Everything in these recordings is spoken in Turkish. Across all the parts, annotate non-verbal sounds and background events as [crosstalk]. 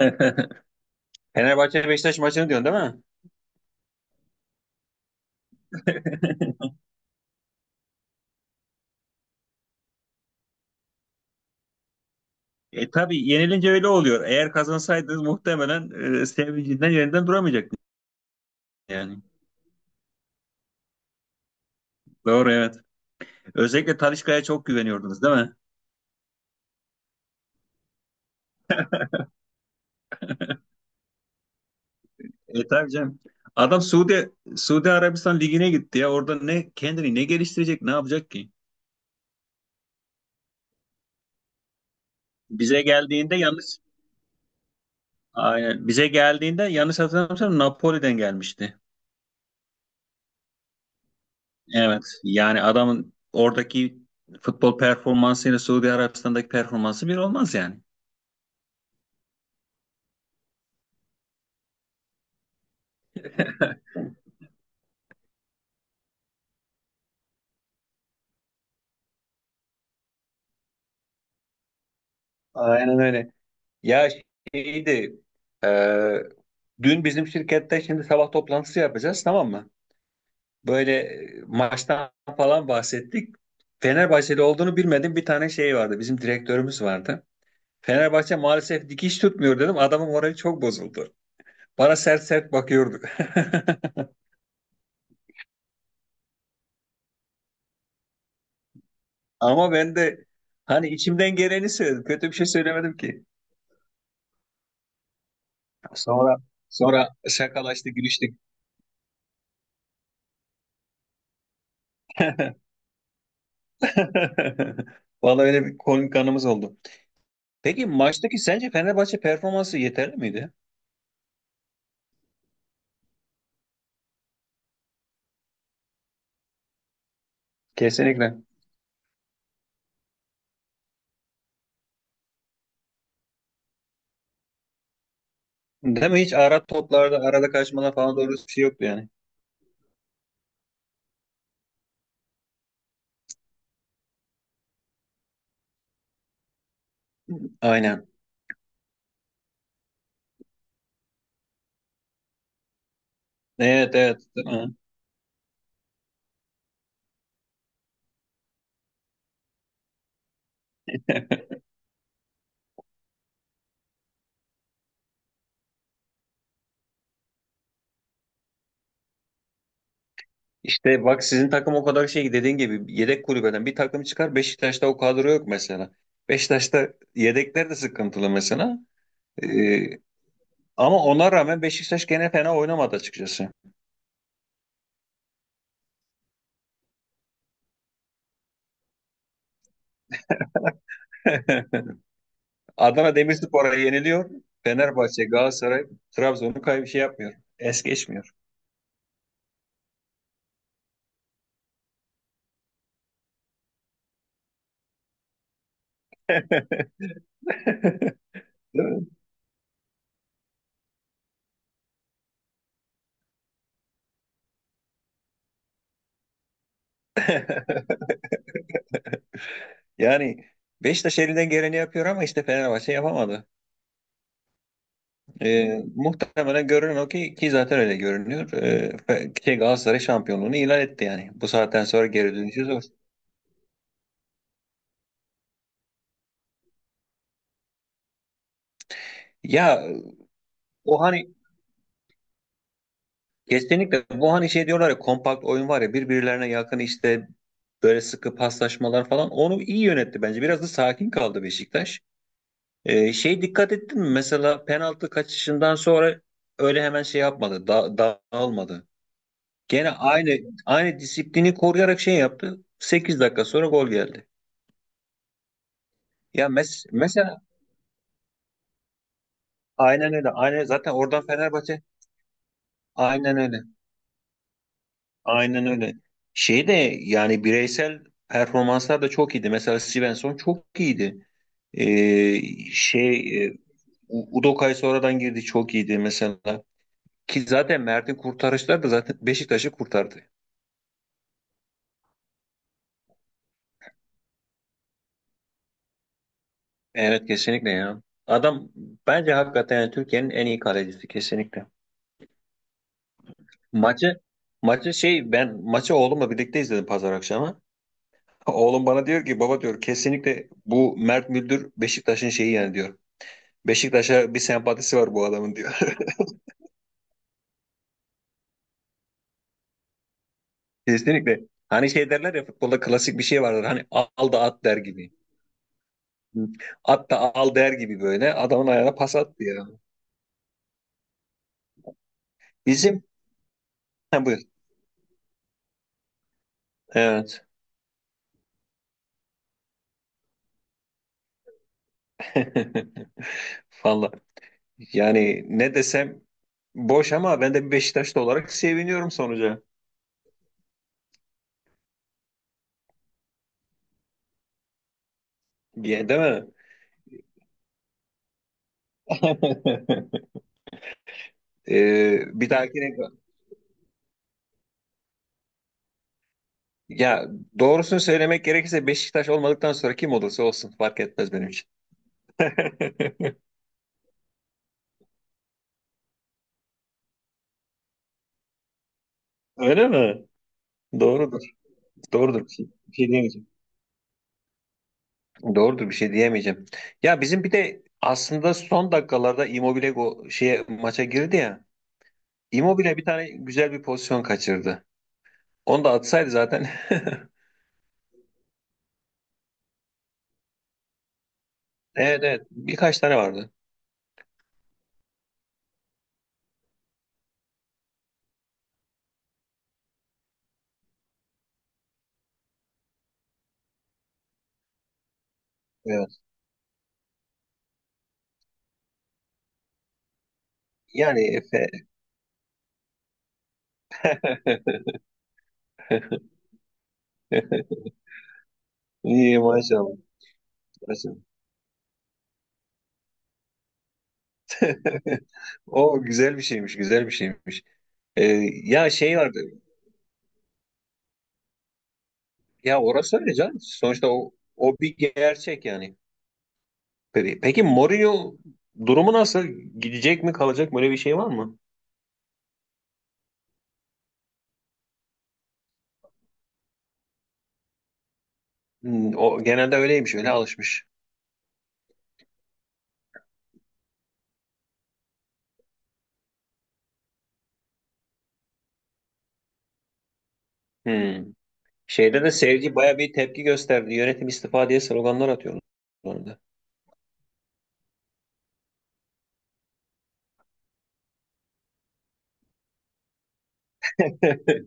[laughs] Fenerbahçe Beşiktaş maçını diyorsun değil mi? [laughs] E tabii yenilince öyle oluyor. Eğer kazansaydınız muhtemelen sevincinden yerinden duramayacaktınız yani. Doğru evet. Özellikle Talisca'ya çok güveniyordunuz değil mi? E tabii canım. Adam Suudi Arabistan ligine gitti ya. Orada ne kendini ne geliştirecek, ne yapacak ki? Bize geldiğinde yanlış Aynen bize geldiğinde yanlış hatırlamıyorsam Napoli'den gelmişti. Evet. Yani adamın oradaki futbol performansıyla Suudi Arabistan'daki performansı bir olmaz yani. Aynen öyle. Ya şeydi, e, dün bizim şirkette şimdi sabah toplantısı yapacağız tamam mı? Böyle maçtan falan bahsettik. Fenerbahçeli olduğunu bilmedim bir tane şey vardı. Bizim direktörümüz vardı. Fenerbahçe maalesef dikiş tutmuyor dedim. Adamın morali çok bozuldu. Bana sert sert bakıyordu. [laughs] Ama ben de hani içimden geleni söyledim. Kötü bir şey söylemedim ki. Sonra sonra şakalaştık, gülüştük. [laughs] Vallahi öyle bir konuk anımız oldu. Peki maçtaki sence Fenerbahçe performansı yeterli miydi? Kesinlikle. Değil mi? Hiç ara toplarda, arada kaçmalar falan doğru bir şey yoktu yani. Aynen. Evet evet. Değil mi? İşte bak sizin takım o kadar şey dediğin gibi yedek kulübeden bir takım çıkar Beşiktaş'ta o kadro yok mesela. Beşiktaş'ta yedekler de sıkıntılı mesela. Ee, Ama ona rağmen Beşiktaş gene fena oynamadı açıkçası. [laughs] Adana Demirspor'a yeniliyor. Fenerbahçe, Galatasaray, Trabzon'u kay şey yapmıyor. Es geçmiyor. [laughs] Değil mi? Yani Beşiktaş elinden geleni yapıyor ama işte Fenerbahçe yapamadı. Muhtemelen görünen o ki ki zaten öyle görünüyor. Fe- şey Galatasaray şampiyonluğunu ilan etti yani. Bu saatten sonra geri dönüşü zor. Ya o hani kesinlikle bu hani şey diyorlar ya kompakt oyun var ya birbirlerine yakın işte böyle sıkı paslaşmalar falan onu iyi yönetti bence. Biraz da sakin kaldı Beşiktaş. Şey dikkat ettin mi? Mesela penaltı kaçışından sonra öyle hemen şey yapmadı. Da dağılmadı. Gene aynı disiplini koruyarak şey yaptı. 8 dakika sonra gol geldi. Ya mesela aynen öyle. Aynen zaten oradan Fenerbahçe aynen öyle. Aynen öyle. Şey de yani bireysel performanslar da çok iyiydi. Mesela Svensson çok iyiydi. Ee, şey e, Udokay sonradan girdi çok iyiydi mesela. Ki zaten Mert'in kurtarışları da zaten Beşiktaş'ı kurtardı. Evet kesinlikle ya. Adam bence hakikaten yani Türkiye'nin en iyi kalecisi kesinlikle. Maçı maçı ben maçı oğlumla birlikte izledim pazar akşamı. Oğlum bana diyor ki baba diyor kesinlikle bu Mert Müldür Beşiktaş'ın şeyi yani diyor. Beşiktaş'a bir sempatisi var bu adamın diyor. [laughs] Kesinlikle. Hani şey derler ya futbolda klasik bir şey vardır. Hani al da at der gibi. At da al der gibi böyle. Adamın ayağına pas attı ya. Bizim ha, buyur. Evet. [laughs] Valla. Yani ne desem boş ama ben de bir Beşiktaşlı olarak seviniyorum sonuca. Diye değil mi? [laughs] Bir dahakine ya doğrusunu söylemek gerekirse Beşiktaş olmadıktan sonra kim olursa olsun fark etmez benim için. [laughs] Öyle mi? Doğrudur. Doğrudur. Bir şey diyemeyeceğim. Doğrudur bir şey diyemeyeceğim. Ya bizim bir de aslında son dakikalarda Immobile go şeye maça girdi ya. Immobile bir tane güzel bir pozisyon kaçırdı. Onu da atsaydı zaten. [laughs] Evet evet. Birkaç tane vardı. Evet. Yani Efe. [laughs] İyi maşallah. Maşallah. [laughs] O güzel bir şeymiş, güzel bir şeymiş. Ee, ya şey vardı. Ya orası öyle canım. Sonuçta o, o bir gerçek yani. Peki, peki Mourinho durumu nasıl? Gidecek mi kalacak mı? Öyle bir şey var mı? Hmm, o genelde öyleymiş. Öyle alışmış. Hmm. Şeyde de seyirci baya bir tepki gösterdi. Yönetim istifa diye sloganlar atıyorlar orada. [laughs]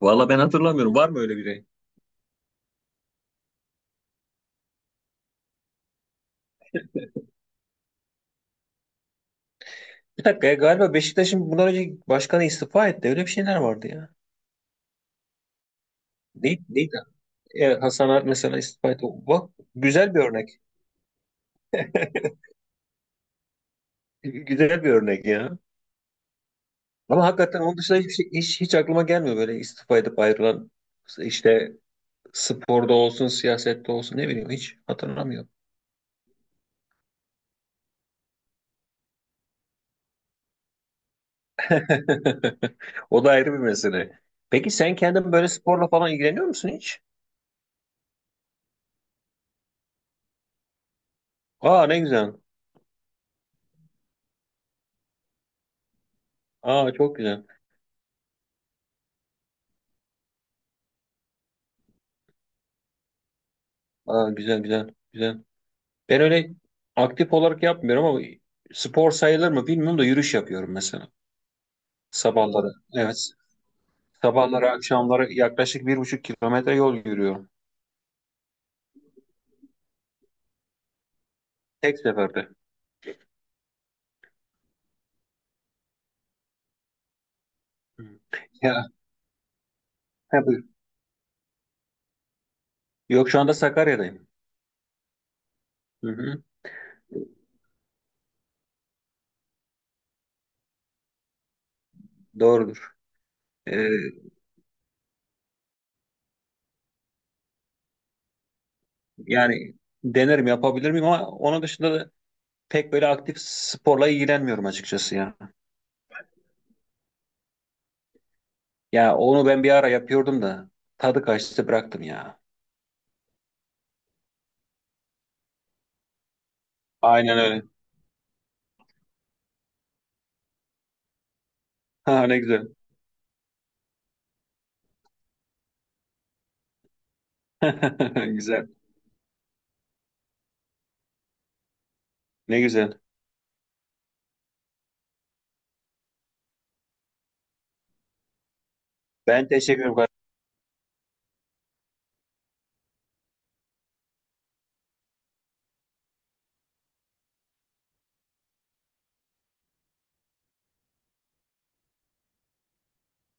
Valla ben hatırlamıyorum. Var mı öyle biri? Bir dakika ya, galiba Beşiktaş'ın bundan önce başkanı istifa etti. Öyle bir şeyler vardı ya. Değil, değil. E, Hasan Art mesela istifa etti. Bak güzel bir örnek. [laughs] Güzel bir örnek ya. Ama hakikaten onun dışında hiç aklıma gelmiyor böyle istifa edip ayrılan işte sporda olsun, siyasette olsun ne bileyim hiç hatırlamıyorum. [laughs] O da ayrı bir mesele. Peki sen kendin böyle sporla falan ilgileniyor musun hiç? Aa ne güzel. Aa çok güzel. Aa güzel. Ben öyle aktif olarak yapmıyorum ama spor sayılır mı bilmiyorum da yürüyüş yapıyorum mesela. Sabahları. Evet. Sabahları akşamları yaklaşık 1,5 kilometre yol yürüyorum. Tek seferde. Hı. Ya, [laughs] Yok şu anda Sakarya'dayım. Hı hı, doğrudur. Ee, yani denerim yapabilir miyim ama onun dışında da pek böyle aktif sporla ilgilenmiyorum açıkçası ya. Ya onu ben bir ara yapıyordum da tadı kaçtı bıraktım ya. Aynen öyle. [laughs] Ha, ne güzel. [laughs] Güzel. Ne güzel. Ben teşekkür ederim.